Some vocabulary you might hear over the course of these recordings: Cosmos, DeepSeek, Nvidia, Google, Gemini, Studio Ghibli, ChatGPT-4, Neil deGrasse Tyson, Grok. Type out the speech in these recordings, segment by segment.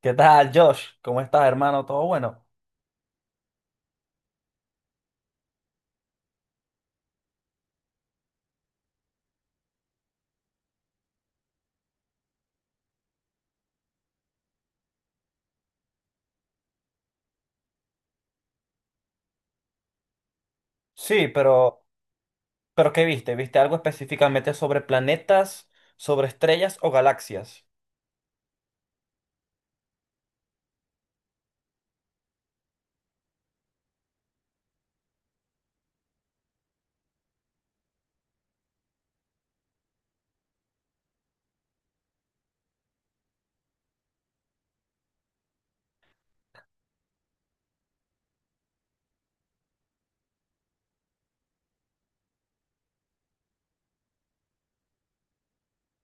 ¿Qué tal, Josh? ¿Cómo estás, hermano? ¿Todo bueno? Sí, pero, ¿qué viste? ¿Viste algo específicamente sobre planetas, sobre estrellas o galaxias?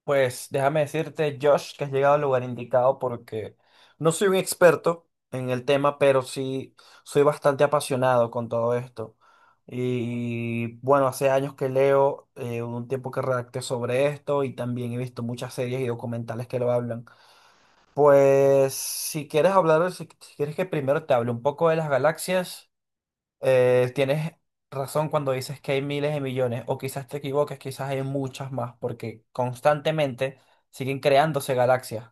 Pues déjame decirte, Josh, que has llegado al lugar indicado porque no soy un experto en el tema, pero sí soy bastante apasionado con todo esto. Y bueno, hace años que leo, un tiempo que redacté sobre esto y también he visto muchas series y documentales que lo hablan. Pues si quieres hablar, si quieres que primero te hable un poco de las galaxias, tienes razón cuando dices que hay miles de millones, o quizás te equivoques, quizás hay muchas más, porque constantemente siguen creándose galaxias.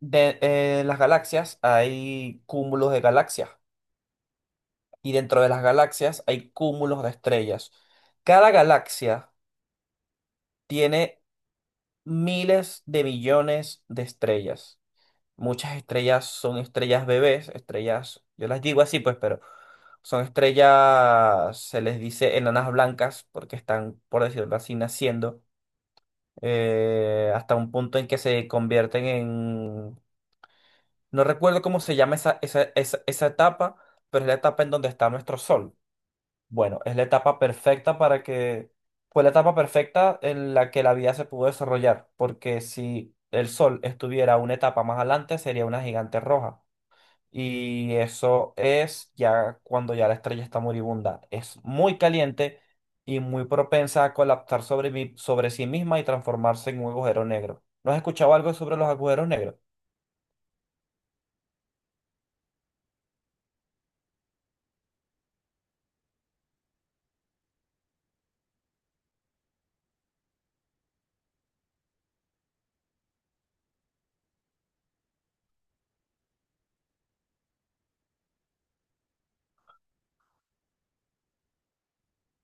En las galaxias hay cúmulos de galaxias, y dentro de las galaxias hay cúmulos de estrellas. Cada galaxia tiene miles de millones de estrellas. Muchas estrellas son estrellas bebés, estrellas, yo las digo así pues, pero son estrellas, se les dice enanas blancas porque están, por decirlo así, naciendo hasta un punto en que se convierten en... No recuerdo cómo se llama esa etapa, pero es la etapa en donde está nuestro sol. Bueno, es la etapa perfecta para que... Fue la etapa perfecta en la que la vida se pudo desarrollar, porque si el sol estuviera una etapa más adelante, sería una gigante roja. Y eso es ya cuando ya la estrella está moribunda. Es muy caliente y muy propensa a colapsar sobre, sobre sí misma y transformarse en un agujero negro. ¿No has escuchado algo sobre los agujeros negros?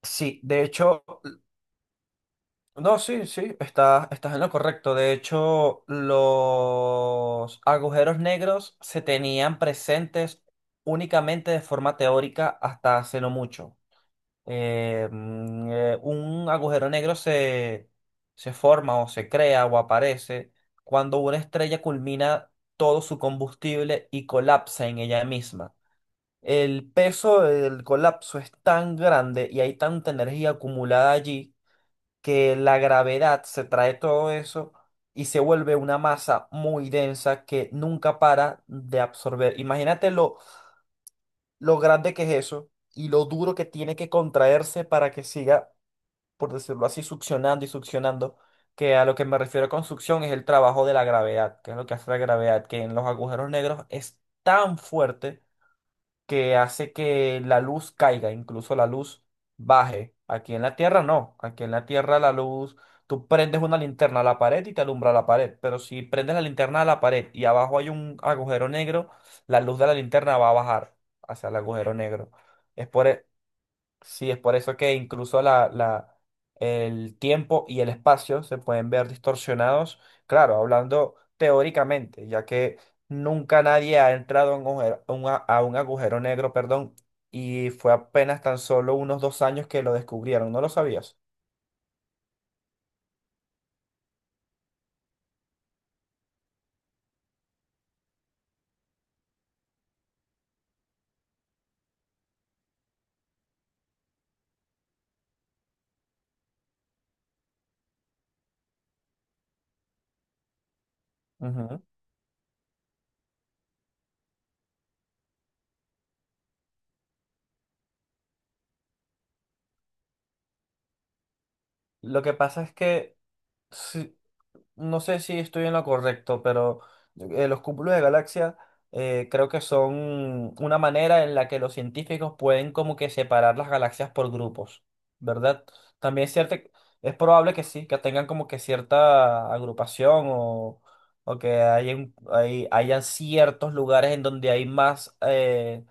Sí, de hecho, no, sí, sí, estás en lo correcto. De hecho, los agujeros negros se tenían presentes únicamente de forma teórica hasta hace no mucho. Un agujero negro se forma o se crea o aparece cuando una estrella culmina todo su combustible y colapsa en ella misma. El peso del colapso es tan grande y hay tanta energía acumulada allí que la gravedad se trae todo eso y se vuelve una masa muy densa que nunca para de absorber. Imagínate lo grande que es eso y lo duro que tiene que contraerse para que siga por decirlo así, succionando y succionando, que a lo que me refiero con succión es el trabajo de la gravedad, que es lo que hace la gravedad, que en los agujeros negros es tan fuerte que hace que la luz caiga, incluso la luz baje. Aquí en la Tierra no, aquí en la Tierra la luz, tú prendes una linterna a la pared y te alumbra la pared, pero si prendes la linterna a la pared y abajo hay un agujero negro, la luz de la linterna va a bajar hacia el agujero negro. Es por, e, Sí, es por eso que incluso el tiempo y el espacio se pueden ver distorsionados, claro, hablando teóricamente, ya que nunca nadie ha entrado a un agujero, a un agujero negro, perdón, y fue apenas tan solo unos dos años que lo descubrieron, ¿no lo sabías? Ujú. Lo que pasa es que sí. No sé si estoy en lo correcto, pero los cúpulos de galaxia, creo que son una manera en la que los científicos pueden como que separar las galaxias por grupos, ¿verdad? También es cierto, es probable que sí, que tengan como que cierta agrupación o que hayan ciertos lugares en donde hay más eh,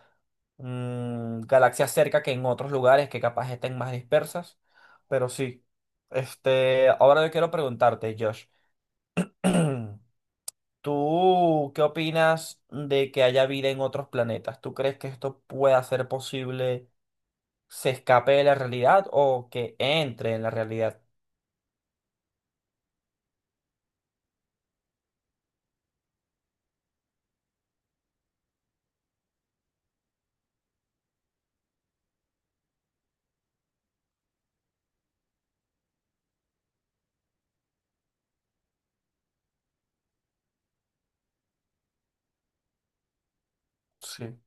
mm, galaxias cerca que en otros lugares que capaz estén más dispersas, pero sí. Este, ahora yo quiero preguntarte, Josh. ¿Tú qué opinas de que haya vida en otros planetas? ¿Tú crees que esto pueda ser posible, se escape de la realidad o que entre en la realidad? Sí,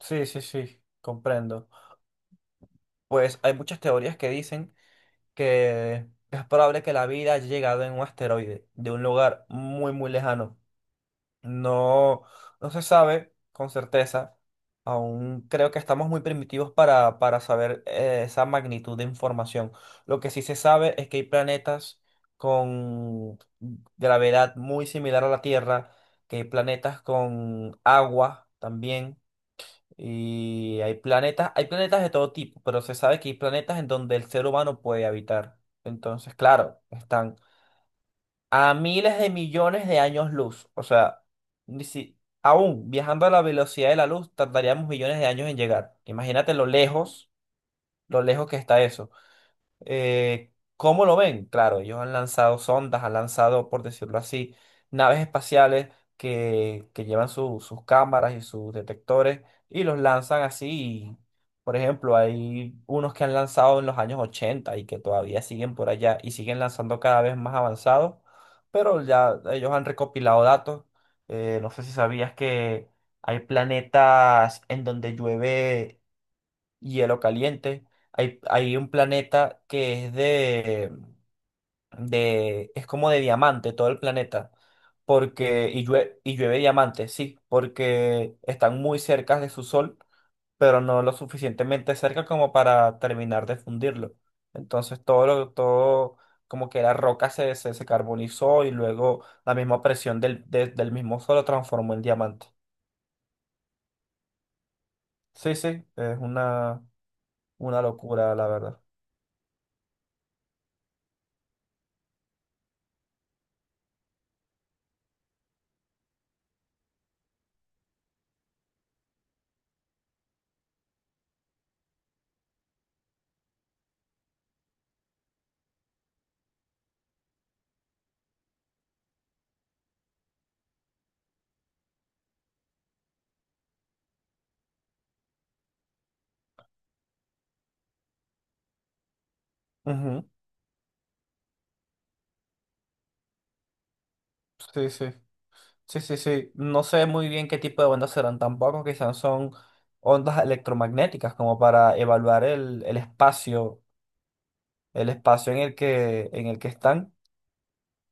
sí, sí, sí, comprendo. Pues hay muchas teorías que dicen que es probable que la vida haya llegado en un asteroide de un lugar muy, muy lejano. No, no se sabe con certeza. Aún creo que estamos muy primitivos para saber esa magnitud de información. Lo que sí se sabe es que hay planetas con gravedad muy similar a la Tierra, que hay planetas con agua también, y hay planetas de todo tipo, pero se sabe que hay planetas en donde el ser humano puede habitar. Entonces, claro, están a miles de millones de años luz. O sea, ni si, aún viajando a la velocidad de la luz, tardaríamos millones de años en llegar. Imagínate lo lejos que está eso. ¿Cómo lo ven? Claro, ellos han lanzado sondas, han lanzado, por decirlo así, naves espaciales que llevan sus cámaras y sus detectores y los lanzan así. Y, por ejemplo, hay unos que han lanzado en los años 80 y que todavía siguen por allá y siguen lanzando cada vez más avanzados, pero ya ellos han recopilado datos. No sé si sabías que hay planetas en donde llueve hielo caliente. Hay un planeta que es de, es como de diamante todo el planeta, porque, y llueve diamante, sí, porque están muy cerca de su sol, pero no lo suficientemente cerca como para terminar de fundirlo. Entonces todo lo, todo, como que la roca se carbonizó y luego la misma presión del mismo sol lo transformó en diamante. Sí, sí, es una locura, la verdad. Ujú. Sí, sí. Sí, sí, sí. No sé muy bien qué tipo de ondas serán tampoco. Quizás son ondas electromagnéticas como para evaluar el espacio en el que están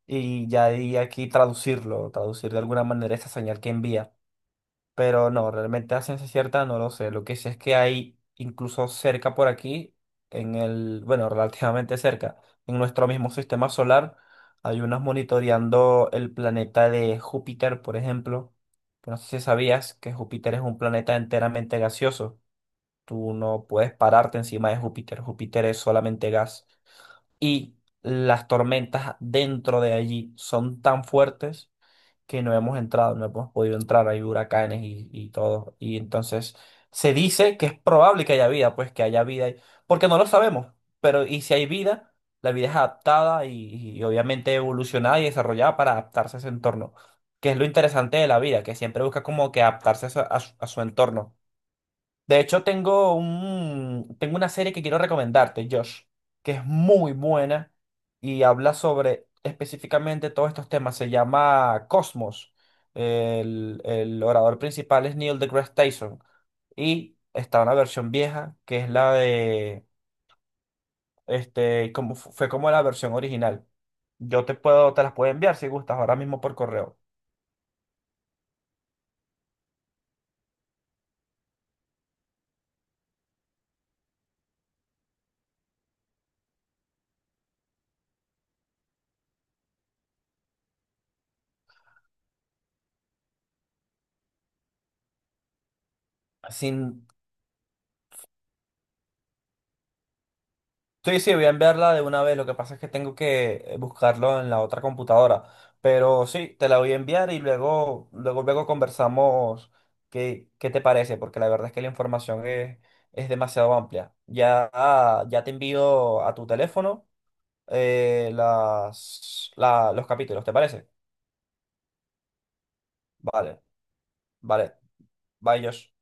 y ya de ahí aquí traducirlo, traducir de alguna manera esa señal que envía. Pero no, realmente a ciencia cierta no lo sé. Lo que sé es que hay incluso cerca por aquí, en el, bueno, relativamente cerca, en nuestro mismo sistema solar, hay unos monitoreando el planeta de Júpiter, por ejemplo. Pues no sé si sabías que Júpiter es un planeta enteramente gaseoso. Tú no puedes pararte encima de Júpiter. Júpiter es solamente gas. Y las tormentas dentro de allí son tan fuertes que no hemos entrado, no hemos podido entrar, hay huracanes y todo. Y entonces se dice que es probable que haya vida, pues que haya vida, ahí, porque no lo sabemos, pero y si hay vida, la vida es adaptada y obviamente evolucionada y desarrollada para adaptarse a ese entorno, que es lo interesante de la vida, que siempre busca como que adaptarse a a su entorno. De hecho, tengo un, tengo una serie que quiero recomendarte, Josh, que es muy buena y habla sobre específicamente todos estos temas. Se llama Cosmos. El orador principal es Neil deGrasse Tyson. Y está una versión vieja, que es la de, este, como, fue como la versión original. Yo te puedo, te las puedo enviar si gustas ahora mismo por correo. Sin... Sí, sí, voy a enviarla de una vez. Lo que pasa es que tengo que buscarlo en la otra computadora. Pero sí, te la voy a enviar y luego, luego, luego conversamos qué, qué te parece, porque la verdad es que la información es demasiado amplia. Ya, ah, ya te envío a tu teléfono las, los capítulos, ¿te parece? Vale, vale. Bye, Josh.